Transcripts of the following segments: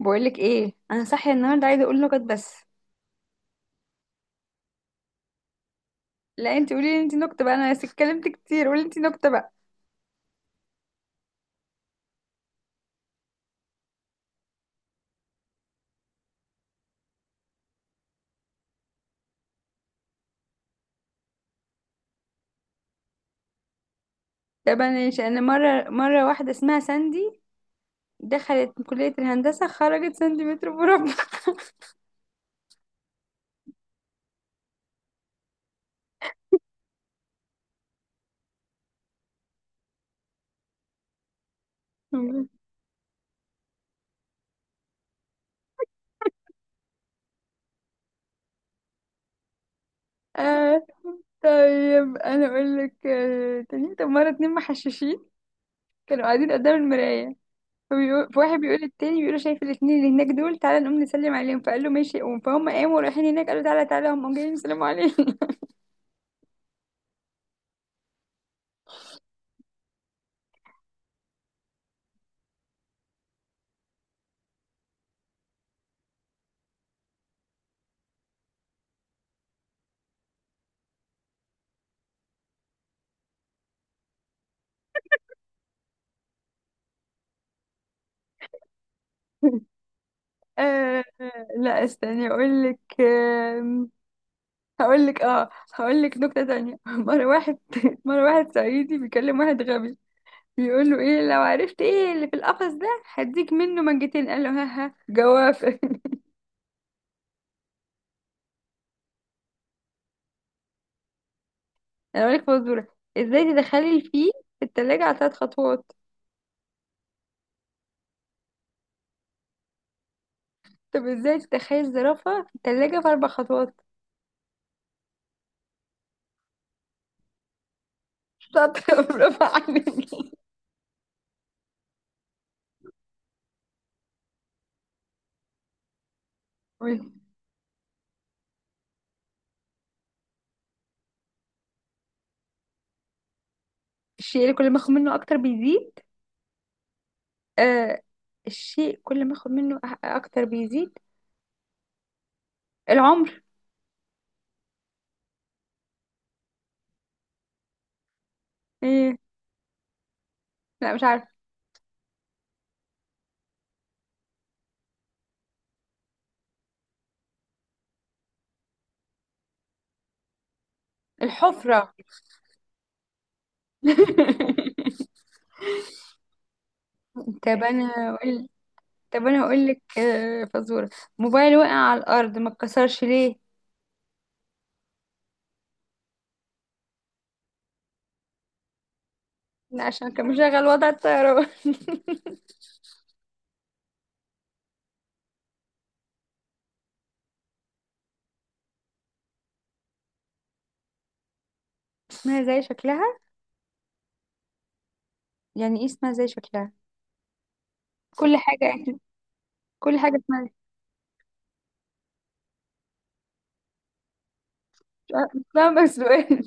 بقولك ايه، انا صاحيه النهارده عايزه اقول نكت بس. لا، انت قولي لي، انت نكته بقى. انا اتكلمت كتير. قولي انت نكته بقى. طب انا ماشي. انا مره واحده اسمها ساندي، دخلت كليه الهندسه خرجت سنتيمتر مربع. آه، طيب انا اقول لك تاني. طب مره اتنين محششين كانوا قاعدين قدام المرايه، فبيقول فواحد بيقول للتاني، بيقول له شايف الاتنين اللي هناك دول؟ تعالى نقوم نسلم عليهم. فقال له ماشي قوم. فهم قاموا رايحين هناك، قالوا تعالى تعالى، هم جايين يسلموا علينا. آه، لا استني اقول لك. هقول لك نكتة تانية. مرة واحد مرة واحد صعيدي بيكلم واحد غبي، بيقول له ايه لو عرفت ايه اللي في القفص ده هديك منه منجتين؟ قال له ها ها، جوافة. انا اقول لك فزورة، ازاي تدخلي الفيل في التلاجة على 3 خطوات؟ طب ازاي تدخلي الزرافة في التلاجة في 4 خطوات؟ شاطرة. برافو عليك. الشيء اللي كل ما اخد منه اكتر بيزيد. آه، الشيء كل ما اخد منه اكتر بيزيد. العمر. ايه؟ لا مش عارفه. الحفرة. طب انا هقول طب انا هقول لك فزورة. موبايل وقع على الارض ما اتكسرش ليه؟ لا، عشان كان مشغل وضع الطيران. اسمها زي شكلها؟ يعني ايه اسمها زي شكلها؟ كل حاجة، كل حاجة اسمها اسمها سؤال.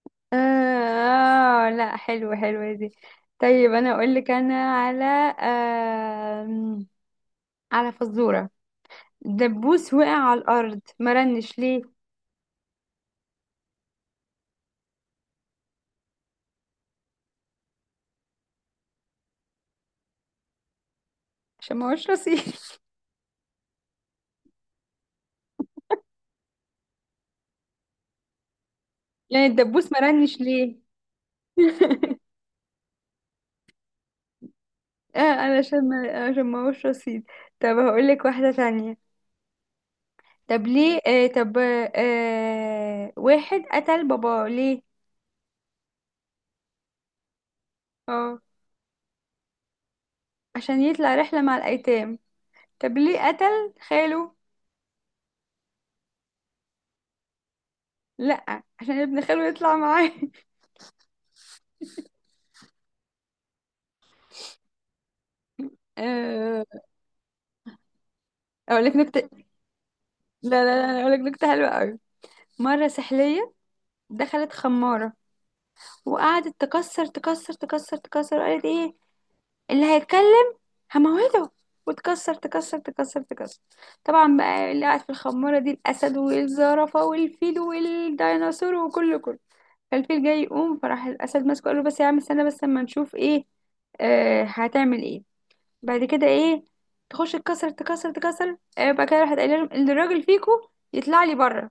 آه، لا حلوة حلوة دي. طيب أنا أقول لك أنا على آه على فزورة. دبوس وقع على الأرض مرنش ليه؟ عشان ما هوش رصيد. يعني الدبوس ما رنش ليه. اه، علشان ما هوش رصيد. طب هقول لك واحدة تانية. طب ليه آه طب آه واحد قتل باباه ليه؟ اه، عشان يطلع رحلة مع الأيتام. طب ليه قتل خاله؟ لا، عشان ابن خاله يطلع معاه. آه، اقول لك نكتة. لا لا لا، أنا اقول لك نكتة حلوة قوي. مرة سحلية دخلت خمارة، وقعدت تكسر تكسر تكسر تكسر. قالت ايه اللي هيتكلم هموته. وتكسر تكسر تكسر تكسر. طبعا بقى اللي قاعد في الخمارة دي الأسد والزرافة والفيل والديناصور وكله كله. فالفيل جاي يقوم، فراح الأسد ماسكه، قال له بس يا عم استنى بس اما نشوف ايه هتعمل ايه بعد كده ايه. تخش تكسر تكسر تكسر، آه بعد كده راحت قايله لهم، اللي الراجل فيكو يطلع لي بره.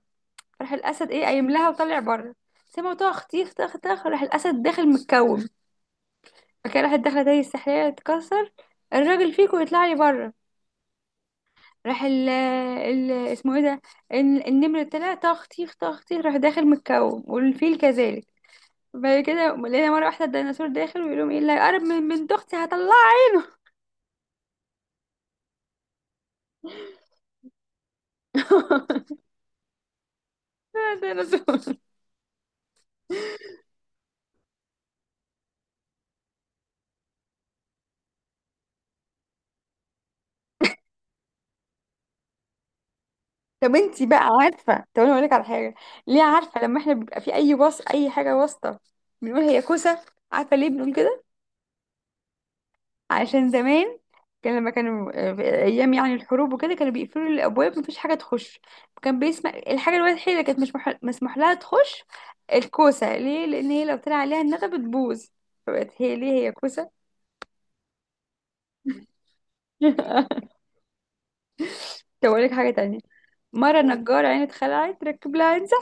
فراح الأسد ايه قايم لها وطلع بره، سمعوا طخ تيخ طخ طخ، راح الأسد داخل متكوم. بعد كده راحت داخلة تاني السحرية تكسر، الراجل فيكو يطلع لي بره. راح ال اسمه ايه ده، النمر طلع، تخطيخ تخطيخ، راح داخل متكوم، والفيل كذلك. بعد كده لقينا مرة واحدة الديناصور داخل ويقول لهم ايه اللي هيقرب من بنت اختي هطلعه. ديناصور. طب انتي بقى عارفة؟ طب انا اقولك على حاجة. ليه عارفة لما احنا بيبقى في اي وصف اي حاجة واسطة بنقول هي كوسة؟ عارفة ليه بنقول كده؟ عشان زمان كان لما كانوا في ايام يعني الحروب وكده كانوا بيقفلوا الابواب، مفيش حاجه تخش. كان بيسمع الحاجه الوحيده اللي كانت مش مح- مسموح لها تخش الكوسه، ليه؟ لان هي لو طلع عليها الندى بتبوظ، فبقت هي ليه هي كوسه. طب اقول لك حاجه تانية. مره نجار عين اتخلعت، ركب لها عنزه.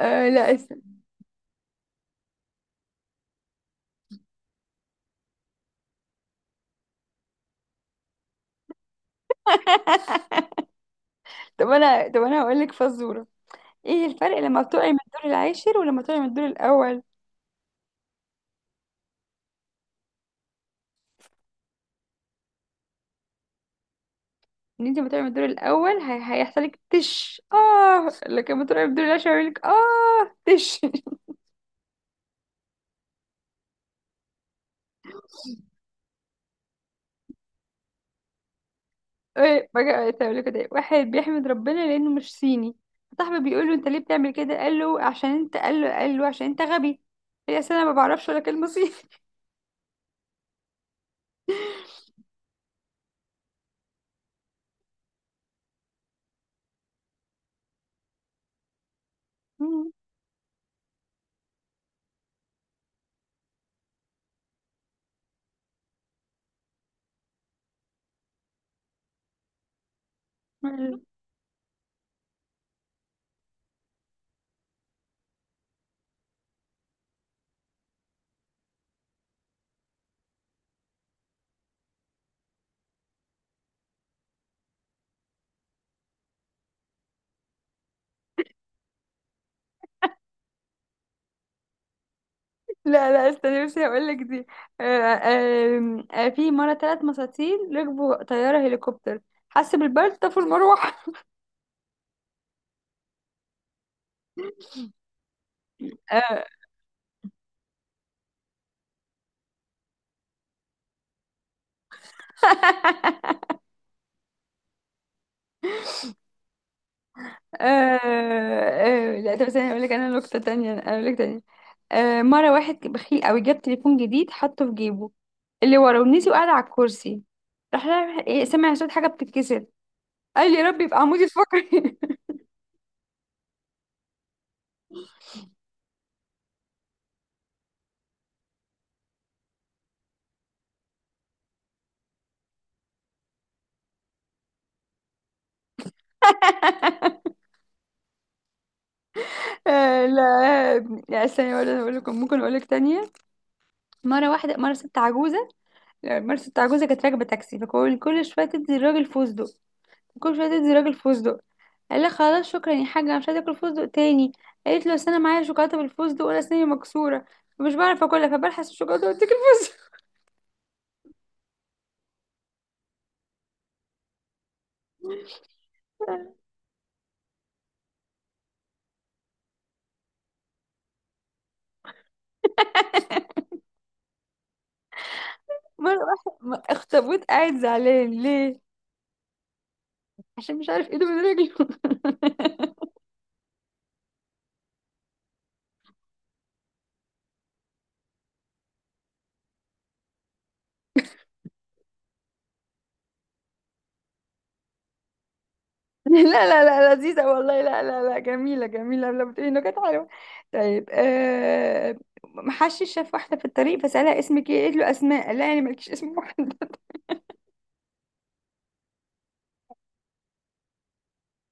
آه، لا اسف. طب انا هقول لك فزوره. ايه الفرق لما بتقعي من الدور العاشر ولما تقعي من الدور الاول؟ ان انت لما تقعي من الدور الاول هيحصل لك تش اه، لكن لما تقعي من الدور العاشر هيعمل لك اه تش. ايه بقى تعمل كده. واحد بيحمد ربنا لانه مش صيني. صاحبه بيقول له انت ليه بتعمل كده؟ قال له عشان انت غبي. هي اصل انا ما بعرفش ولا كلمه صيني. لا لا استنى بس هقول لك دي. في مرة 3 مساطيل ركبوا طيارة هليكوبتر، حس بالبرد طفوا المروحة. آه. لا طب استني اقول لك انا نكته تانية، انا اقول لك تانية. آه، مره واحد بخيل قوي جاب تليفون جديد حطه في جيبه اللي ورا، ونسي وقعد على الكرسي. راح رايح- إيه، سمع صوت حاجه بتتكسر، قال يا رب يبقى عمودي الفقري. آه، لا لا استني، ولا اقول لكم، ممكن اقول لك تانية. مرة واحدة مرة ست عجوزة لا، مرة ست عجوزة كانت راكبة تاكسي، فكل كل شوية تدي الراجل فستق، كل شوية تدي الراجل فستق. قال لي خلاص شكرا يا حاجه، انا مش عايزه اكل فستق تاني. قالت له اصل انا معايا شوكولاته بالفستق، وانا اسناني مكسوره، فمش بعرف اكلها، فبلحس الشوكولاته واتاكل فستق. مره واحده اخطبوط قاعد زعلان، ليه؟ عشان مش عارف ايده من رجله. لا لا لا لذيذه والله، لا لا لا جميله جميله لما بتقولي انه كانت حلوه. طيب آه، محشش شاف واحده في الطريق فسالها اسمك ايه، قالت له اسماء، قال لها يعني مالكيش اسم واحد.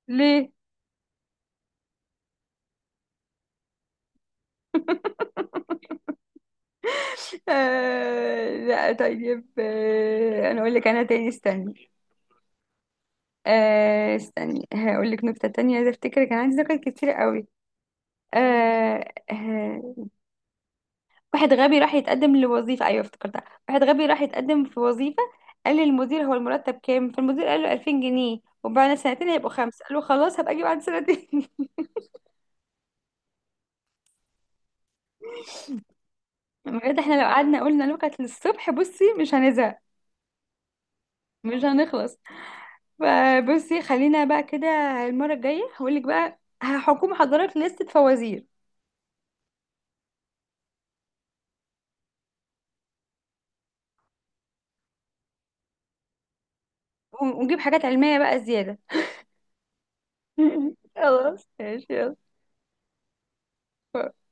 ليه. آه، لا طيب آه، انا اقول لك انا تاني استني آه استني هقول لك نكتة تانية. عايزة افتكر، كان عندي ذكر كتير قوي. آه آه واحد غبي راح يتقدم لوظيفة، ايوه افتكرتها، واحد غبي راح يتقدم في وظيفة، قال للمدير هو المرتب كام؟ فالمدير قال له 2000 جنيه وبعد سنتين هيبقوا خمسة. قال له خلاص هبقى اجي بعد سنتين. بجد احنا لو قعدنا قلنا نكت للصبح بصي مش هنزهق، مش هنخلص. فبصي خلينا بقى كده. المرة الجاية هقول لك بقى، هحكم حضرتك لستة فوازير، ونجيب حاجات علمية بقى زيادة. خلاص ماشي يلا. باي.